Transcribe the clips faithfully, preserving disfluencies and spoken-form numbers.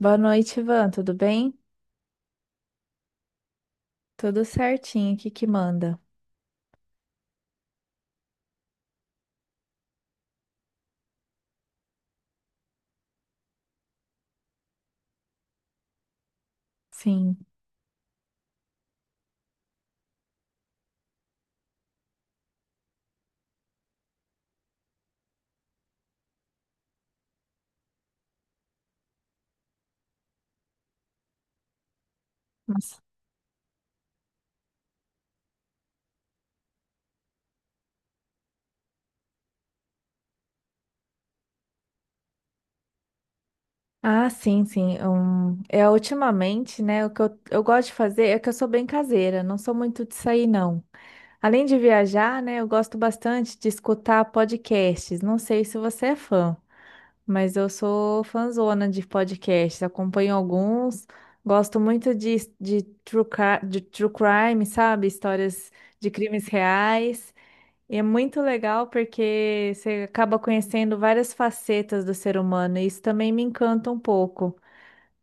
Boa noite, Ivan. Tudo bem? Tudo certinho aqui que manda. Sim. Nossa. Ah, sim, sim. Um, é ultimamente, né? O que eu, eu gosto de fazer é que eu sou bem caseira, não sou muito de sair, não. Além de viajar, né? Eu gosto bastante de escutar podcasts. Não sei se você é fã, mas eu sou fãzona de podcasts. Acompanho alguns. Gosto muito de, de, true, cri- de true crime, sabe? Histórias de crimes reais. E é muito legal porque você acaba conhecendo várias facetas do ser humano, e isso também me encanta um pouco.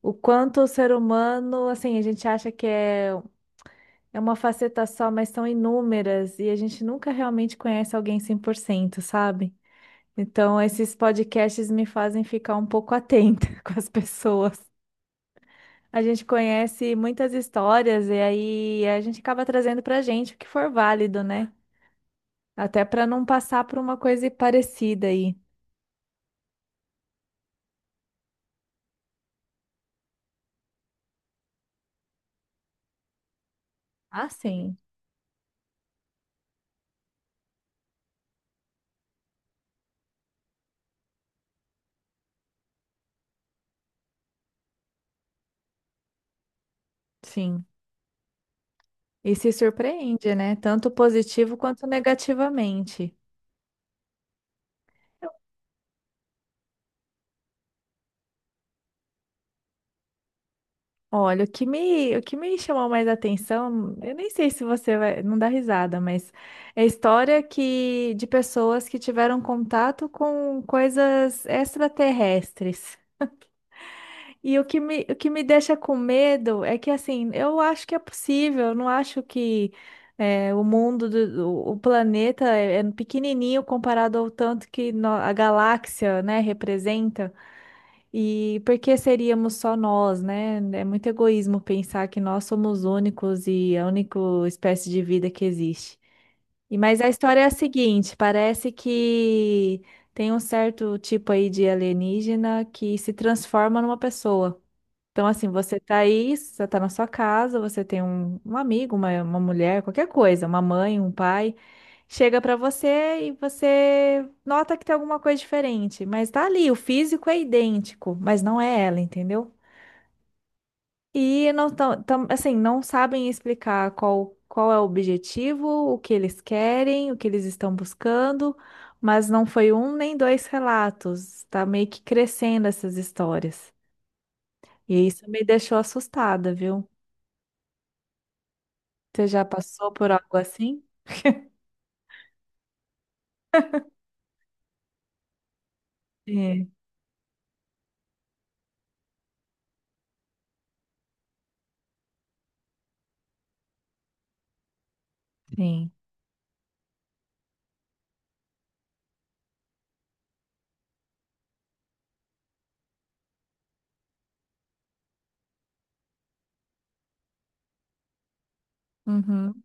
O quanto o ser humano, assim, a gente acha que é, é uma faceta só, mas são inúmeras, e a gente nunca realmente conhece alguém cem por cento, sabe? Então, esses podcasts me fazem ficar um pouco atenta com as pessoas. A gente conhece muitas histórias, e aí a gente acaba trazendo pra gente o que for válido, né? Até para não passar por uma coisa parecida aí. Ah, sim, sim. E se surpreende, né? Tanto positivo quanto negativamente. Olha, o que me, o que me chamou mais atenção, eu nem sei se você vai, não dá risada, mas é história que de pessoas que tiveram contato com coisas extraterrestres. E o que me, o que me deixa com medo é que, assim, eu acho que é possível, eu não acho que é, o mundo, do, do- o planeta é, é pequenininho comparado ao tanto que nó- a galáxia, né, representa. E por que seríamos só nós, né? É muito egoísmo pensar que nós somos únicos e a única espécie de vida que existe. E, mas a história é a seguinte, parece que tem um certo tipo aí de alienígena que se transforma numa pessoa. Então, assim, você tá aí, você tá na sua casa, você tem um, um amigo, uma, uma mulher, qualquer coisa, uma mãe, um pai, chega pra você e você nota que tem alguma coisa diferente, mas tá ali, o físico é idêntico, mas não é ela, entendeu? E não tão, tão- assim, não sabem explicar qual, qual é o objetivo, o que eles querem, o que eles estão buscando, mas não foi um nem dois relatos, tá meio que crescendo essas histórias. E isso me deixou assustada, viu? Você já passou por algo assim? É, sim. Uhum,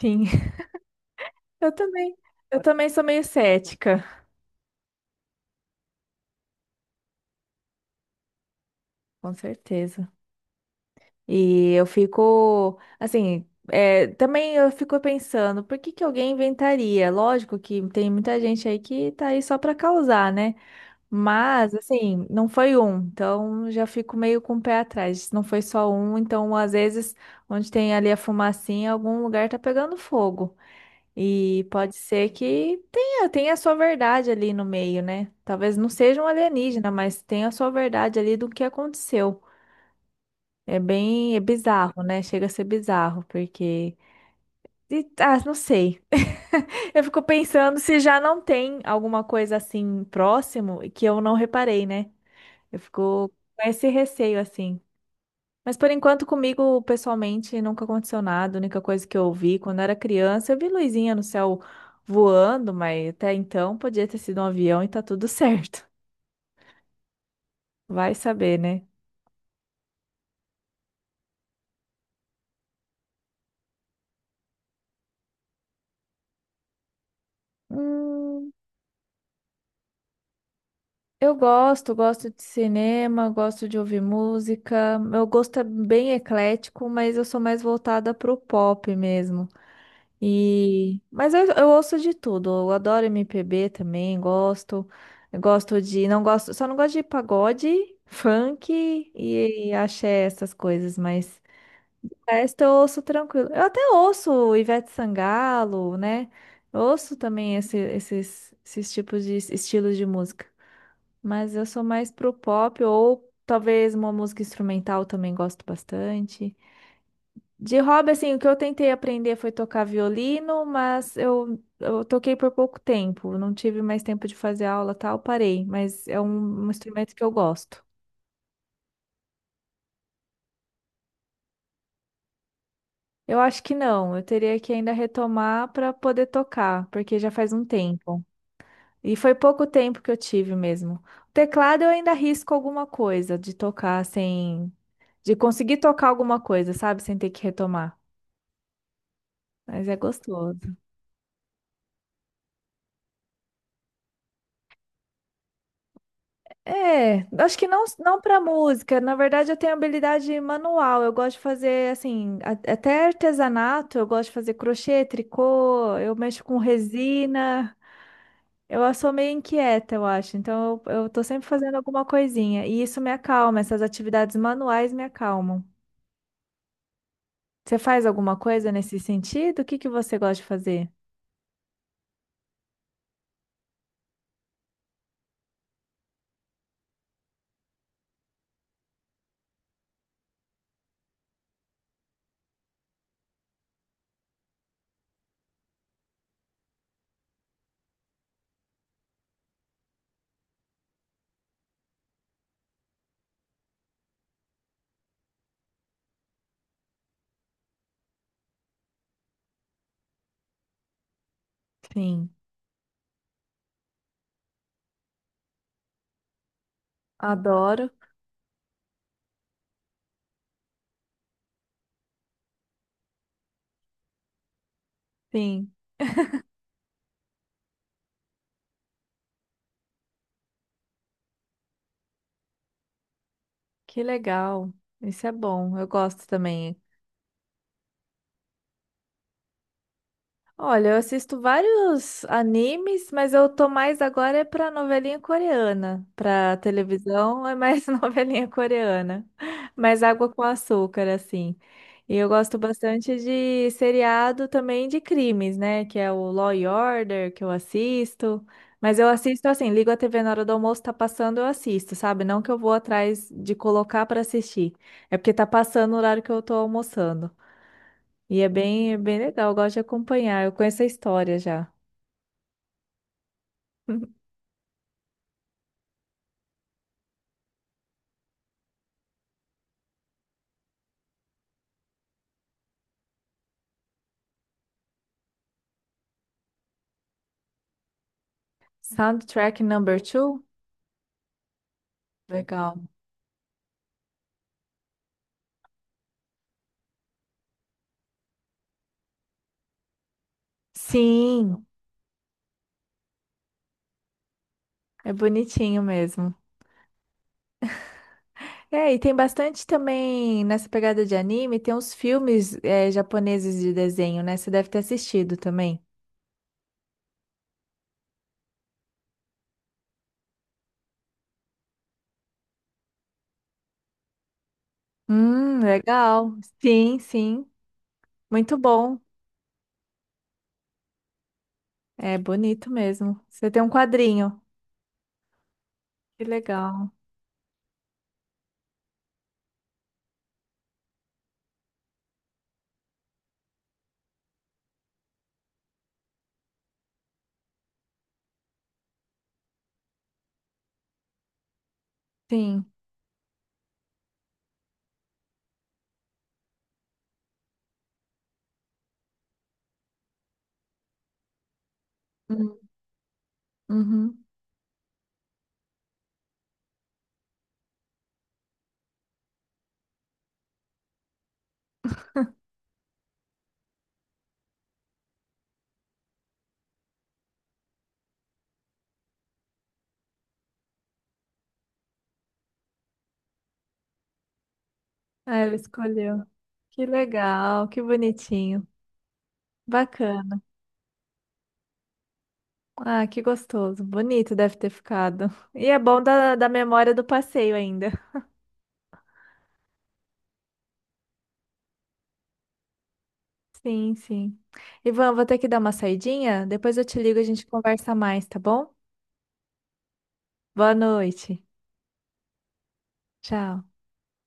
sim. Eu também. Eu também sou meio cética, com certeza. E eu fico, assim, é, também eu fico pensando, por que que alguém inventaria? Lógico que tem muita gente aí que tá aí só pra causar, né? Mas, assim, não foi um, então já fico meio com o pé atrás. Se não foi só um, então às vezes, onde tem ali a fumacinha, algum lugar tá pegando fogo. E pode ser que tenha, tenha a sua verdade ali no meio, né? Talvez não seja um alienígena, mas tenha a sua verdade ali do que aconteceu. É bem, é bizarro, né? Chega a ser bizarro, porque. e- Ah, não sei. Eu fico pensando se já não tem alguma coisa assim próximo que eu não reparei, né? Eu fico com esse receio assim. Mas por enquanto, comigo, pessoalmente, nunca aconteceu nada. A única coisa que eu vi quando era criança, eu vi luzinha no céu voando, mas até então podia ter sido um avião e tá tudo certo. Vai saber, né? Hum, eu gosto, gosto de cinema, gosto de ouvir música. Meu gosto é bem eclético, mas eu sou mais voltada pro pop mesmo. E... Mas eu, eu ouço de tudo. Eu adoro M P B também, gosto. Eu gosto de. Não gosto, só não gosto de pagode, funk e, axé, essas coisas, mas o resto eu ouço tranquilo. Eu até ouço Ivete Sangalo, né? Eu ouço também esse- esses, esses tipos de estilos de música. Mas eu sou mais pro pop ou talvez uma música instrumental também gosto bastante. De hobby, assim, o que eu tentei aprender foi tocar violino, mas eu, eu toquei por pouco tempo. Não tive mais tempo de fazer aula, tal, parei. Mas é um, um instrumento que eu gosto. Eu acho que não, eu teria que ainda retomar para poder tocar, porque já faz um tempo. E foi pouco tempo que eu tive mesmo. O teclado eu ainda risco alguma coisa de tocar sem, de conseguir tocar alguma coisa, sabe? Sem ter que retomar. Mas é gostoso. É, acho que não, não para música. Na verdade, eu tenho habilidade manual. Eu gosto de fazer, assim, a- até artesanato. Eu gosto de fazer crochê, tricô. Eu mexo com resina. Eu sou meio inquieta, eu acho. Então, eu, eu tô sempre fazendo alguma coisinha. E isso me acalma. Essas atividades manuais me acalmam. Você faz alguma coisa nesse sentido? O que que você gosta de fazer? Sim, adoro. Sim, que legal. Isso é bom. Eu gosto também. Olha, eu assisto vários animes, mas eu tô mais agora é pra novelinha coreana. Pra televisão é mais novelinha coreana. Mais água com açúcar, assim. E eu gosto bastante de seriado também de crimes, né? Que é o Law and Order, que eu assisto. Mas eu assisto assim, ligo a T V na hora do almoço, tá passando, eu assisto, sabe? Não que eu vou atrás de colocar pra assistir. É porque tá passando o horário que eu tô almoçando. E é bem, é bem legal, eu gosto de acompanhar. Eu conheço a história já. Soundtrack number two? Legal. Sim, é bonitinho mesmo. É, e tem bastante também nessa pegada de anime, tem uns filmes é, japoneses de desenho, né? Você deve ter assistido também. Hum, legal. Sim, sim. Muito bom. É bonito mesmo. Você tem um quadrinho. Que legal. Sim. Hum. Uhum. Ah, ela escolheu. Que legal, que bonitinho. Bacana. Ah, que gostoso. Bonito deve ter ficado. E é bom da, da memória do passeio ainda. Sim, sim. Ivan, vou ter que dar uma saidinha. Depois eu te ligo e a gente conversa mais, tá bom? Boa noite. Tchau.